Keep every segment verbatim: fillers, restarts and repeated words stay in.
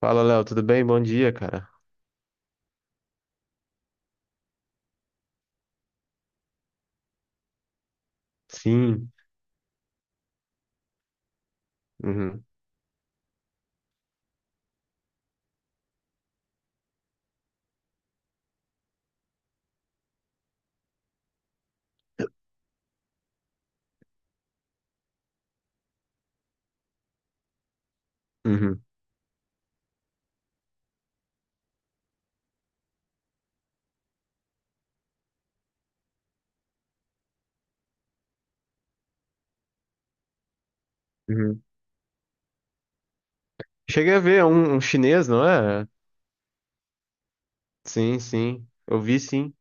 Fala, Léo, tudo bem? Bom dia, cara. Sim. Uhum, uhum, uhum. Cheguei a ver é um, um chinês, não é? Sim, sim. Eu vi sim.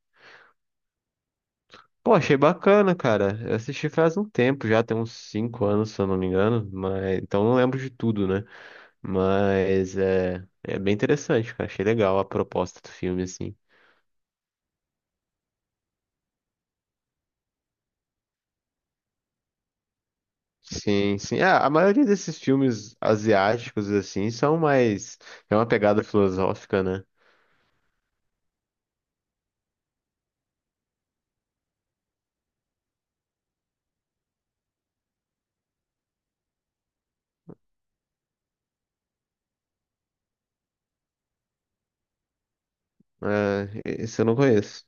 Pô, achei bacana, cara. Eu assisti faz um tempo já, tem uns cinco anos, se eu não me engano. Mas... então não lembro de tudo, né? Mas é, é bem interessante, cara. Achei legal a proposta do filme, assim. Sim, sim. É, a maioria desses filmes asiáticos, assim, são mais. É uma pegada filosófica, né? É, esse eu não conheço.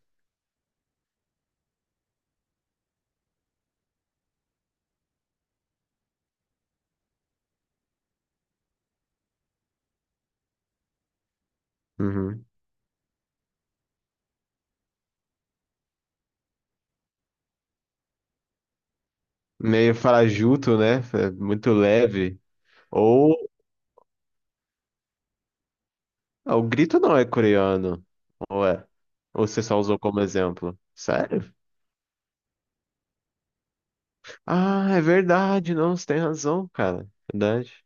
Uhum. Meio farajuto, né? É muito leve. Ou ah, o grito não é coreano. Ou é? Ou você só usou como exemplo? Sério? Ah, é verdade, não, você tem razão, cara. Verdade.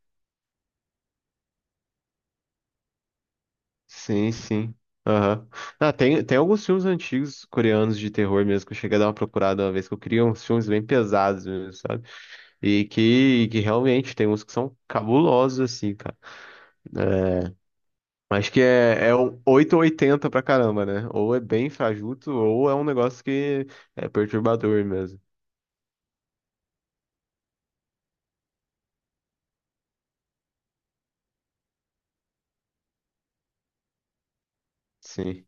Sim, sim. Aham. Ah, tem, tem alguns filmes antigos coreanos de terror mesmo que eu cheguei a dar uma procurada uma vez, que eu queria uns filmes bem pesados mesmo, sabe? E que, que realmente tem uns que são cabulosos, assim, cara. Mas que é, é um oito ou oitenta pra caramba, né? Ou é bem fajuto, ou é um negócio que é perturbador mesmo. Sim.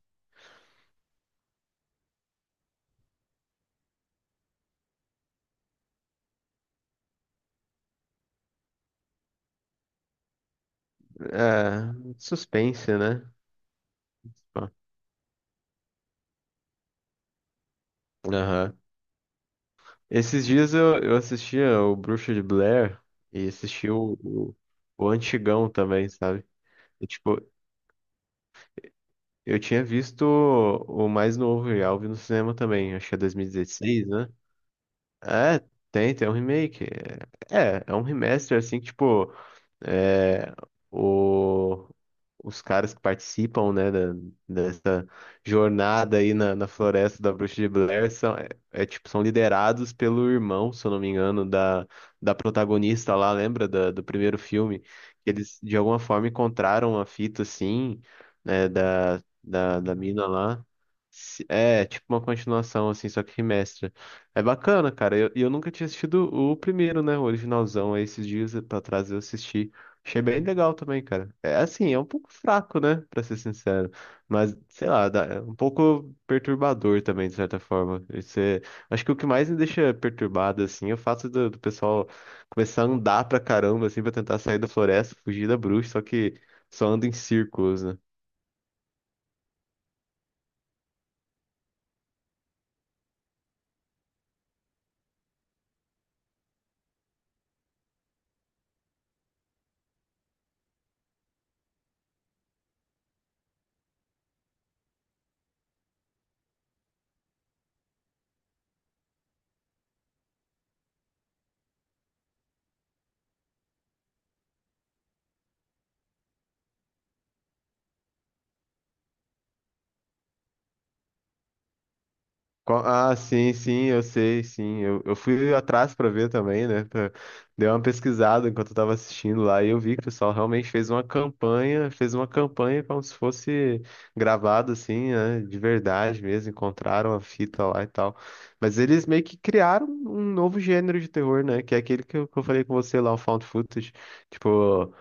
É, suspense, né? Pá. Aham. Esses dias eu, eu assistia o Bruxa de Blair e assisti o, o, o antigão também, sabe? E, tipo, eu tinha visto o, o mais novo e Alvin no cinema também, acho que é dois mil e dezesseis, né? É, tem, tem um remake. É, é um remaster, assim, que, tipo. É, o, os caras que participam, né, da- dessa jornada aí na, na floresta da Bruxa de Blair são, é, é, tipo, são liderados pelo irmão, se eu não me engano, da, da protagonista lá, lembra da- do primeiro filme? Eles, de alguma forma, encontraram a fita, assim, né, da, da, da mina lá. Se- É, tipo uma continuação, assim, só que remestra. É bacana, cara. E eu, e eu nunca tinha assistido o primeiro, né? O originalzão. Aí esses dias pra trás eu assisti. Achei bem legal também, cara. É assim, é um pouco fraco, né? Pra ser sincero. Mas, sei lá, dá- é um pouco perturbador também, de certa forma. Isso é- acho que o que mais me deixa perturbado, assim, é o fato do, do pessoal começar a andar pra caramba, assim, pra tentar sair da floresta, fugir da bruxa, só que só anda em círculos, né? Co- Ah, sim, sim, eu sei, sim. Eu, eu fui atrás pra ver também, né? pra- Dei uma pesquisada enquanto eu tava assistindo lá e eu vi que o pessoal realmente fez uma campanha, fez uma campanha como se fosse gravado assim, né? De verdade mesmo, encontraram a fita lá e tal. Mas eles meio que criaram um novo gênero de terror, né? Que é aquele que eu, que eu falei com você lá, o found footage. Tipo,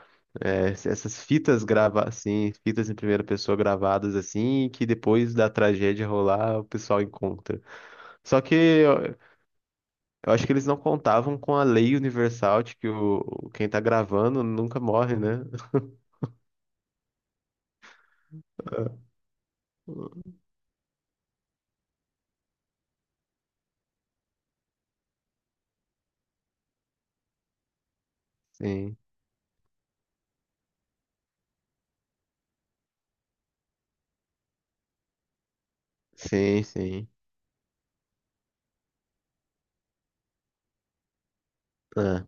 é, essas fitas gravadas, assim, fitas em primeira pessoa gravadas assim, que depois da tragédia rolar, o pessoal encontra. Só que eu, eu acho que eles não contavam com a lei universal de que o, quem tá gravando nunca morre, né? Sim, sim, sim. Ah,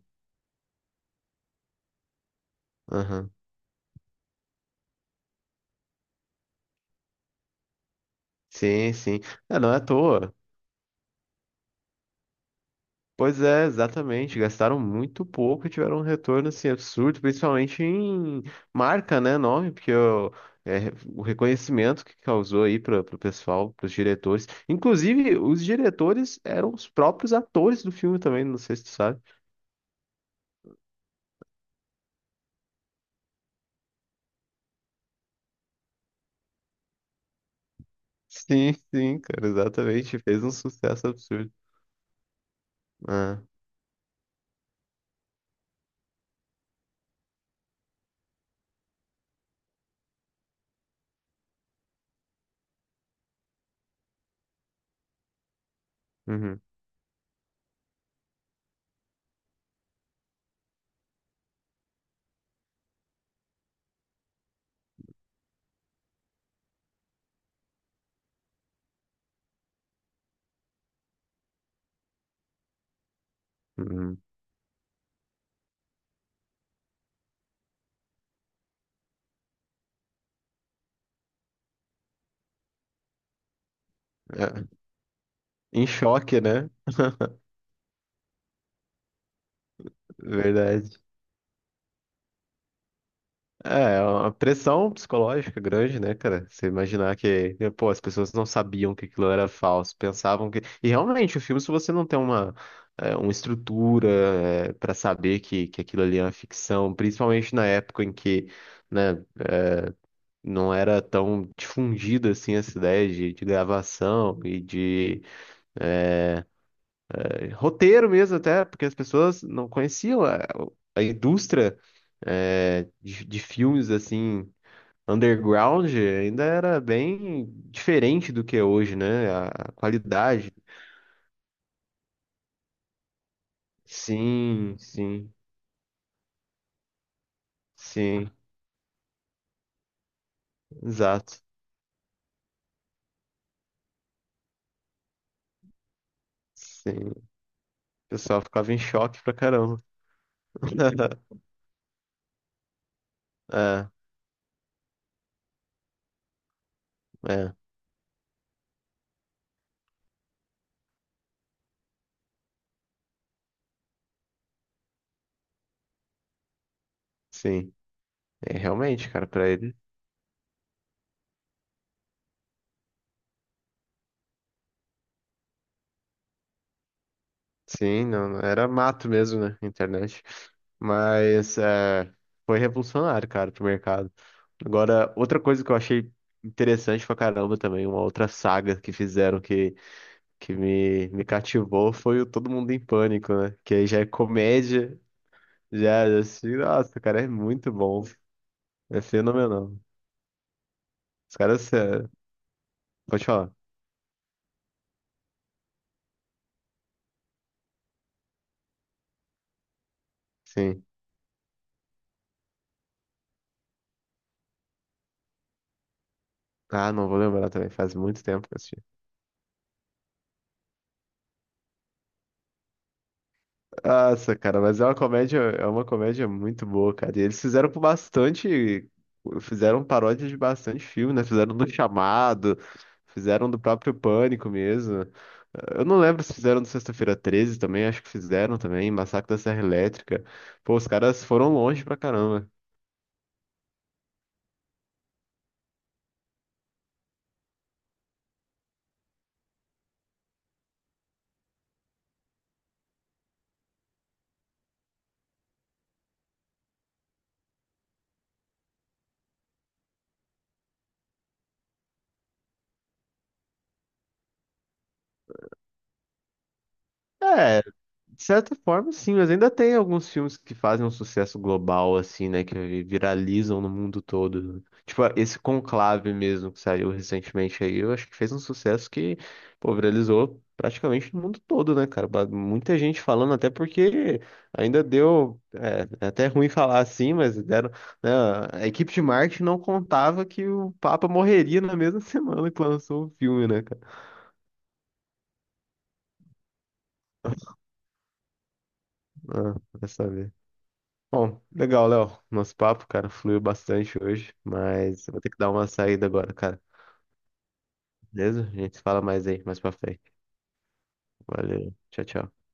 aham. Sim, sim. Ah, não é à toa. Pois é, exatamente. Gastaram muito pouco e tiveram um retorno assim, absurdo, principalmente em marca, né? Nome, porque o, é, o reconhecimento que causou aí para o pessoal, para os diretores. Inclusive, os diretores eram os próprios atores do filme também, não sei se tu sabe. Sim, sim, cara, exatamente. Fez um sucesso absurdo. Ah, uhum, uhum. É, em choque, né? Verdade. É, é uma pressão psicológica grande, né, cara? Você imaginar que, pô, as pessoas não sabiam que aquilo era falso, pensavam que. E realmente, o filme, se você não tem uma, é, uma estrutura, é, para saber que, que aquilo ali é uma ficção, principalmente na época em que, né, não era tão difundida assim essa ideia de, de gravação e de roteiro mesmo até, porque as pessoas não conheciam a, a indústria é, de, de filmes assim underground ainda era bem diferente do que é hoje, né? A, a qualidade. Sim, sim, sim, exato. Sim. O pessoal ficava em choque pra caramba. É, é, sim. É, realmente, cara, pra ele. Sim, não, não- era mato mesmo, né? Internet. Mas é, foi revolucionário, cara, pro mercado. Agora, outra coisa que eu achei interessante pra caramba também, uma outra saga que fizeram que, que me, me cativou foi o Todo Mundo em Pânico, né? Que aí já é comédia, já, já assim, nossa, cara, é muito bom. É fenomenal. Os caras, é, pode falar. Sim. Ah, não vou lembrar também, faz muito tempo que eu assisti. Nossa, cara, mas é uma comédia, é uma comédia muito boa, cara. E eles fizeram com bastante, fizeram paródia de bastante filme, né? Fizeram do Chamado, fizeram do próprio Pânico mesmo. Eu não lembro se fizeram do Sexta-feira treze também, acho que fizeram também, Massacre da Serra Elétrica. Pô, os caras foram longe pra caramba. É, de certa forma, sim, mas ainda tem alguns filmes que fazem um sucesso global, assim, né? Que viralizam no mundo todo. Né? Tipo, esse Conclave mesmo, que saiu recentemente aí, eu acho que fez um sucesso que, pô, viralizou praticamente no mundo todo, né, cara? Ba- Muita gente falando, até porque ainda deu. É, é até ruim falar assim, mas deram. Né, a equipe de marketing não contava que o Papa morreria na mesma semana que lançou o filme, né, cara? Ah, vai saber. Bom, legal, Léo. Nosso papo, cara, fluiu bastante hoje, mas eu vou ter que dar uma saída agora, cara. Beleza? A gente fala mais aí, mais pra frente. Valeu. Tchau, tchau.